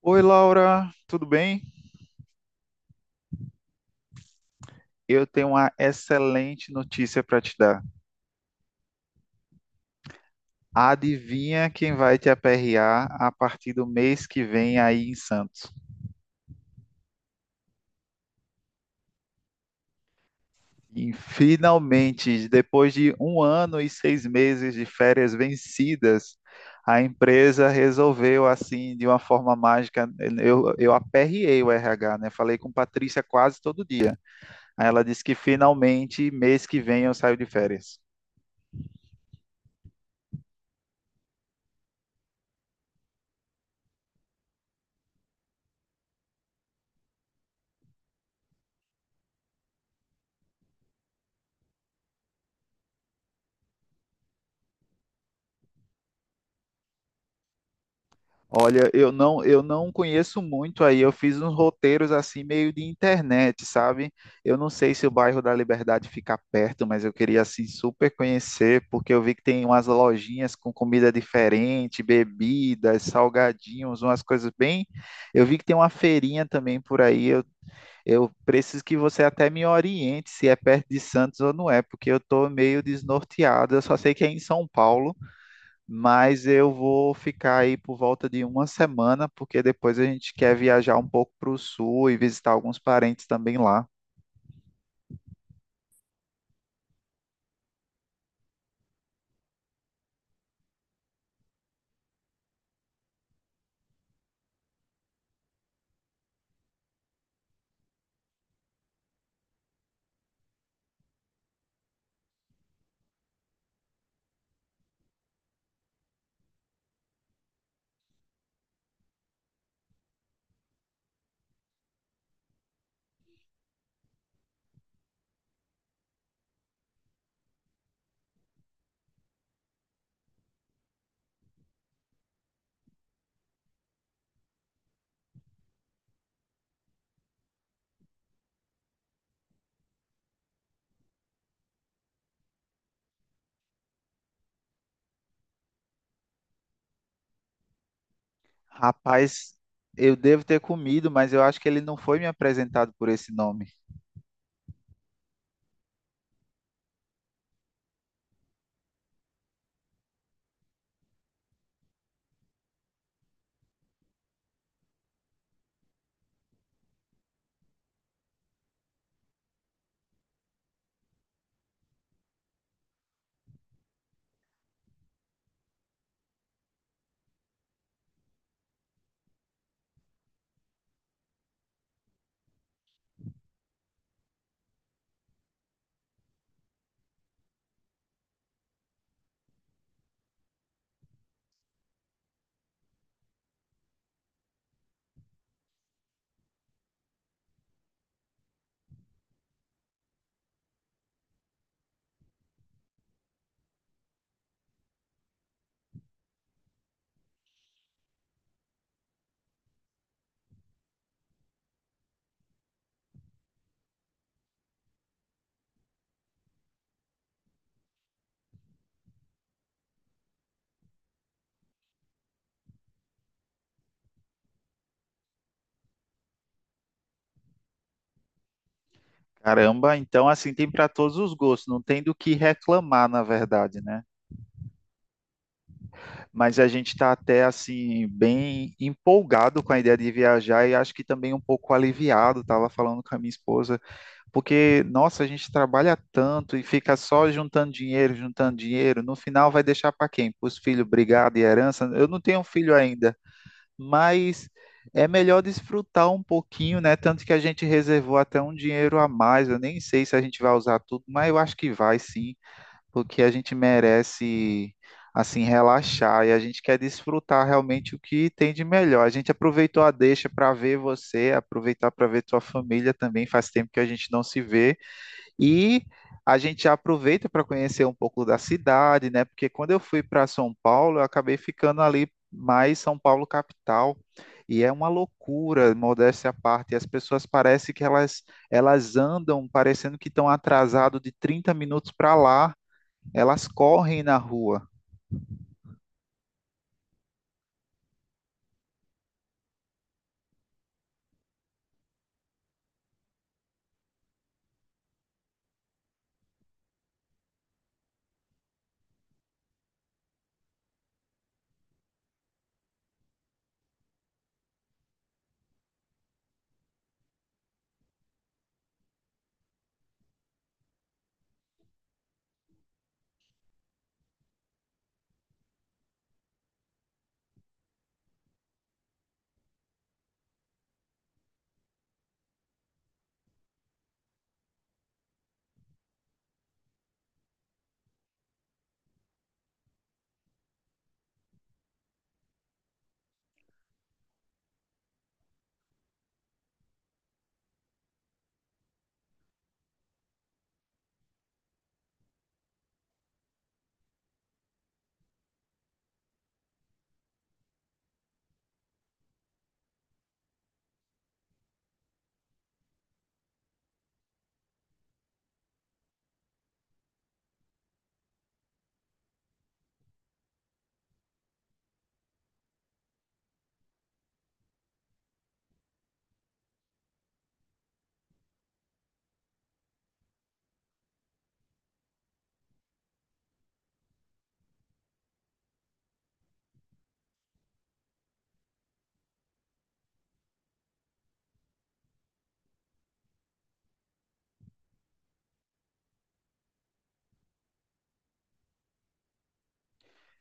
Oi, Laura, tudo bem? Eu tenho uma excelente notícia para te dar. Adivinha quem vai te aperrear a partir do mês que vem aí em Santos? E finalmente, depois de um ano e 6 meses de férias vencidas, a empresa resolveu, assim, de uma forma mágica. Eu aperriei o RH, né? Falei com Patrícia quase todo dia. Aí ela disse que finalmente, mês que vem, eu saio de férias. Olha, eu não conheço muito aí. Eu fiz uns roteiros assim meio de internet, sabe? Eu não sei se o bairro da Liberdade fica perto, mas eu queria assim super conhecer, porque eu vi que tem umas lojinhas com comida diferente, bebidas, salgadinhos, umas coisas bem. Eu vi que tem uma feirinha também por aí. Eu preciso que você até me oriente se é perto de Santos ou não é, porque eu tô meio desnorteado. Eu só sei que é em São Paulo, mas eu vou ficar aí por volta de uma semana, porque depois a gente quer viajar um pouco para o sul e visitar alguns parentes também lá. Rapaz, eu devo ter comido, mas eu acho que ele não foi me apresentado por esse nome. Caramba, então assim tem para todos os gostos, não tem do que reclamar, na verdade, né? Mas a gente está até assim bem empolgado com a ideia de viajar e acho que também um pouco aliviado. Tava falando com a minha esposa, porque, nossa, a gente trabalha tanto e fica só juntando dinheiro, juntando dinheiro. No final vai deixar para quem? Para os filhos, brigado e herança. Eu não tenho filho ainda, mas é melhor desfrutar um pouquinho, né? Tanto que a gente reservou até um dinheiro a mais. Eu nem sei se a gente vai usar tudo, mas eu acho que vai sim, porque a gente merece assim relaxar e a gente quer desfrutar realmente o que tem de melhor. A gente aproveitou a deixa para ver você, aproveitar para ver tua família também. Faz tempo que a gente não se vê. E a gente aproveita para conhecer um pouco da cidade, né? Porque quando eu fui para São Paulo, eu acabei ficando ali mais São Paulo capital. E é uma loucura, modéstia à parte. As pessoas parecem que elas andam parecendo que estão atrasado de 30 minutos para lá. Elas correm na rua.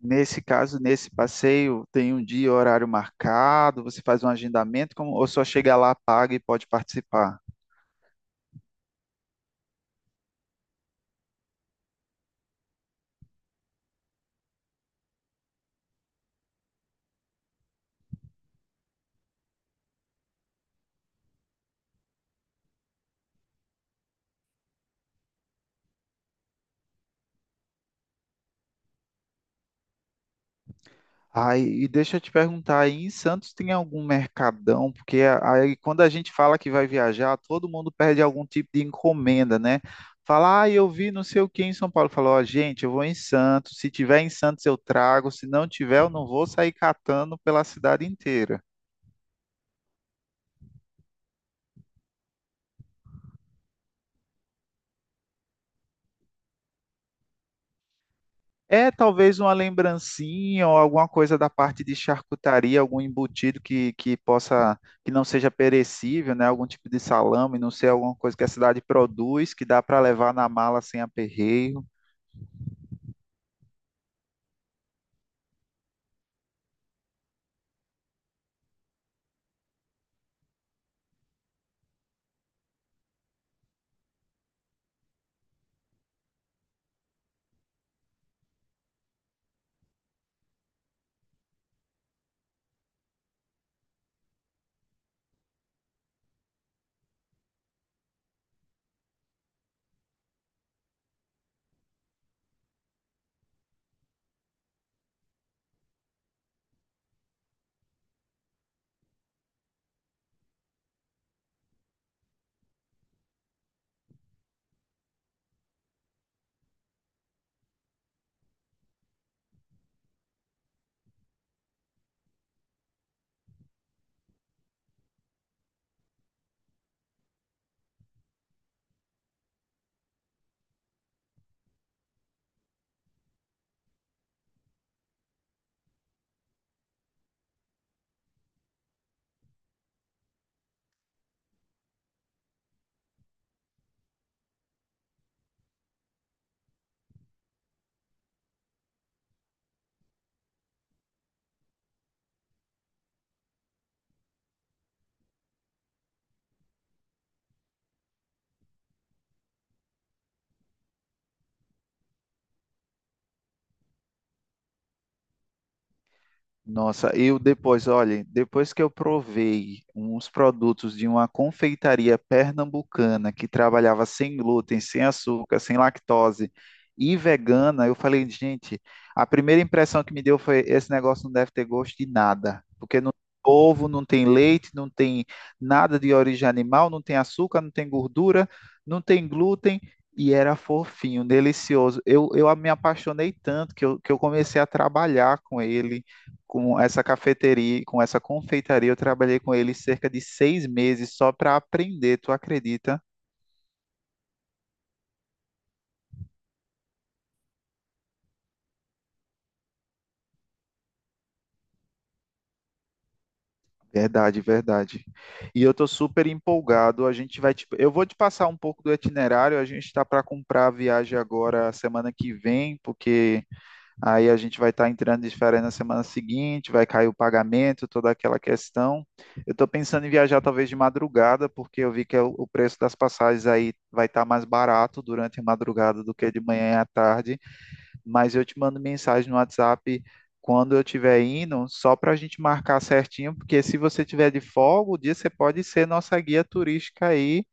Nesse caso, nesse passeio, tem um dia e horário marcado, você faz um agendamento, como, ou só chega lá, paga e pode participar? Ai, e deixa eu te perguntar, aí em Santos tem algum mercadão? Porque aí quando a gente fala que vai viajar, todo mundo perde algum tipo de encomenda, né? Fala, ah, eu vi não sei o que em São Paulo. Falou, ó, gente, eu vou em Santos. Se tiver em Santos, eu trago. Se não tiver, eu não vou sair catando pela cidade inteira. É talvez uma lembrancinha ou alguma coisa da parte de charcutaria, algum embutido que possa, que não seja perecível, né? Algum tipo de salame, não sei, alguma coisa que a cidade produz, que dá para levar na mala sem aperreio. Nossa, eu depois, olha, depois que eu provei uns produtos de uma confeitaria pernambucana que trabalhava sem glúten, sem açúcar, sem lactose e vegana, eu falei, gente, a primeira impressão que me deu foi esse negócio não deve ter gosto de nada, porque não tem ovo, não tem leite, não tem nada de origem animal, não tem açúcar, não tem gordura, não tem glúten. E era fofinho, delicioso. Eu me apaixonei tanto que eu comecei a trabalhar com ele, com essa cafeteria, com essa confeitaria, eu trabalhei com ele cerca de 6 meses só para aprender, tu acredita? Verdade, verdade. E eu tô super empolgado. A gente vai, eu vou te passar um pouco do itinerário. A gente tá para comprar a viagem agora semana que vem, porque aí a gente vai estar entrando de férias na semana seguinte, vai cair o pagamento, toda aquela questão. Eu tô pensando em viajar talvez de madrugada, porque eu vi que é o preço das passagens aí vai estar mais barato durante a madrugada do que de manhã à tarde. Mas eu te mando mensagem no WhatsApp quando eu estiver indo, só para a gente marcar certinho, porque se você tiver de folga, o dia você pode ser nossa guia turística aí.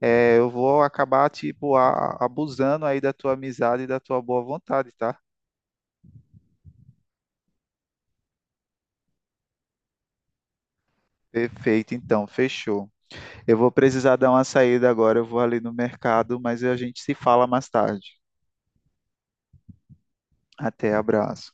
É, eu vou acabar, tipo, abusando aí da tua amizade e da tua boa vontade, tá? Perfeito, então, fechou. Eu vou precisar dar uma saída agora, eu vou ali no mercado, mas a gente se fala mais tarde. Até, abraço.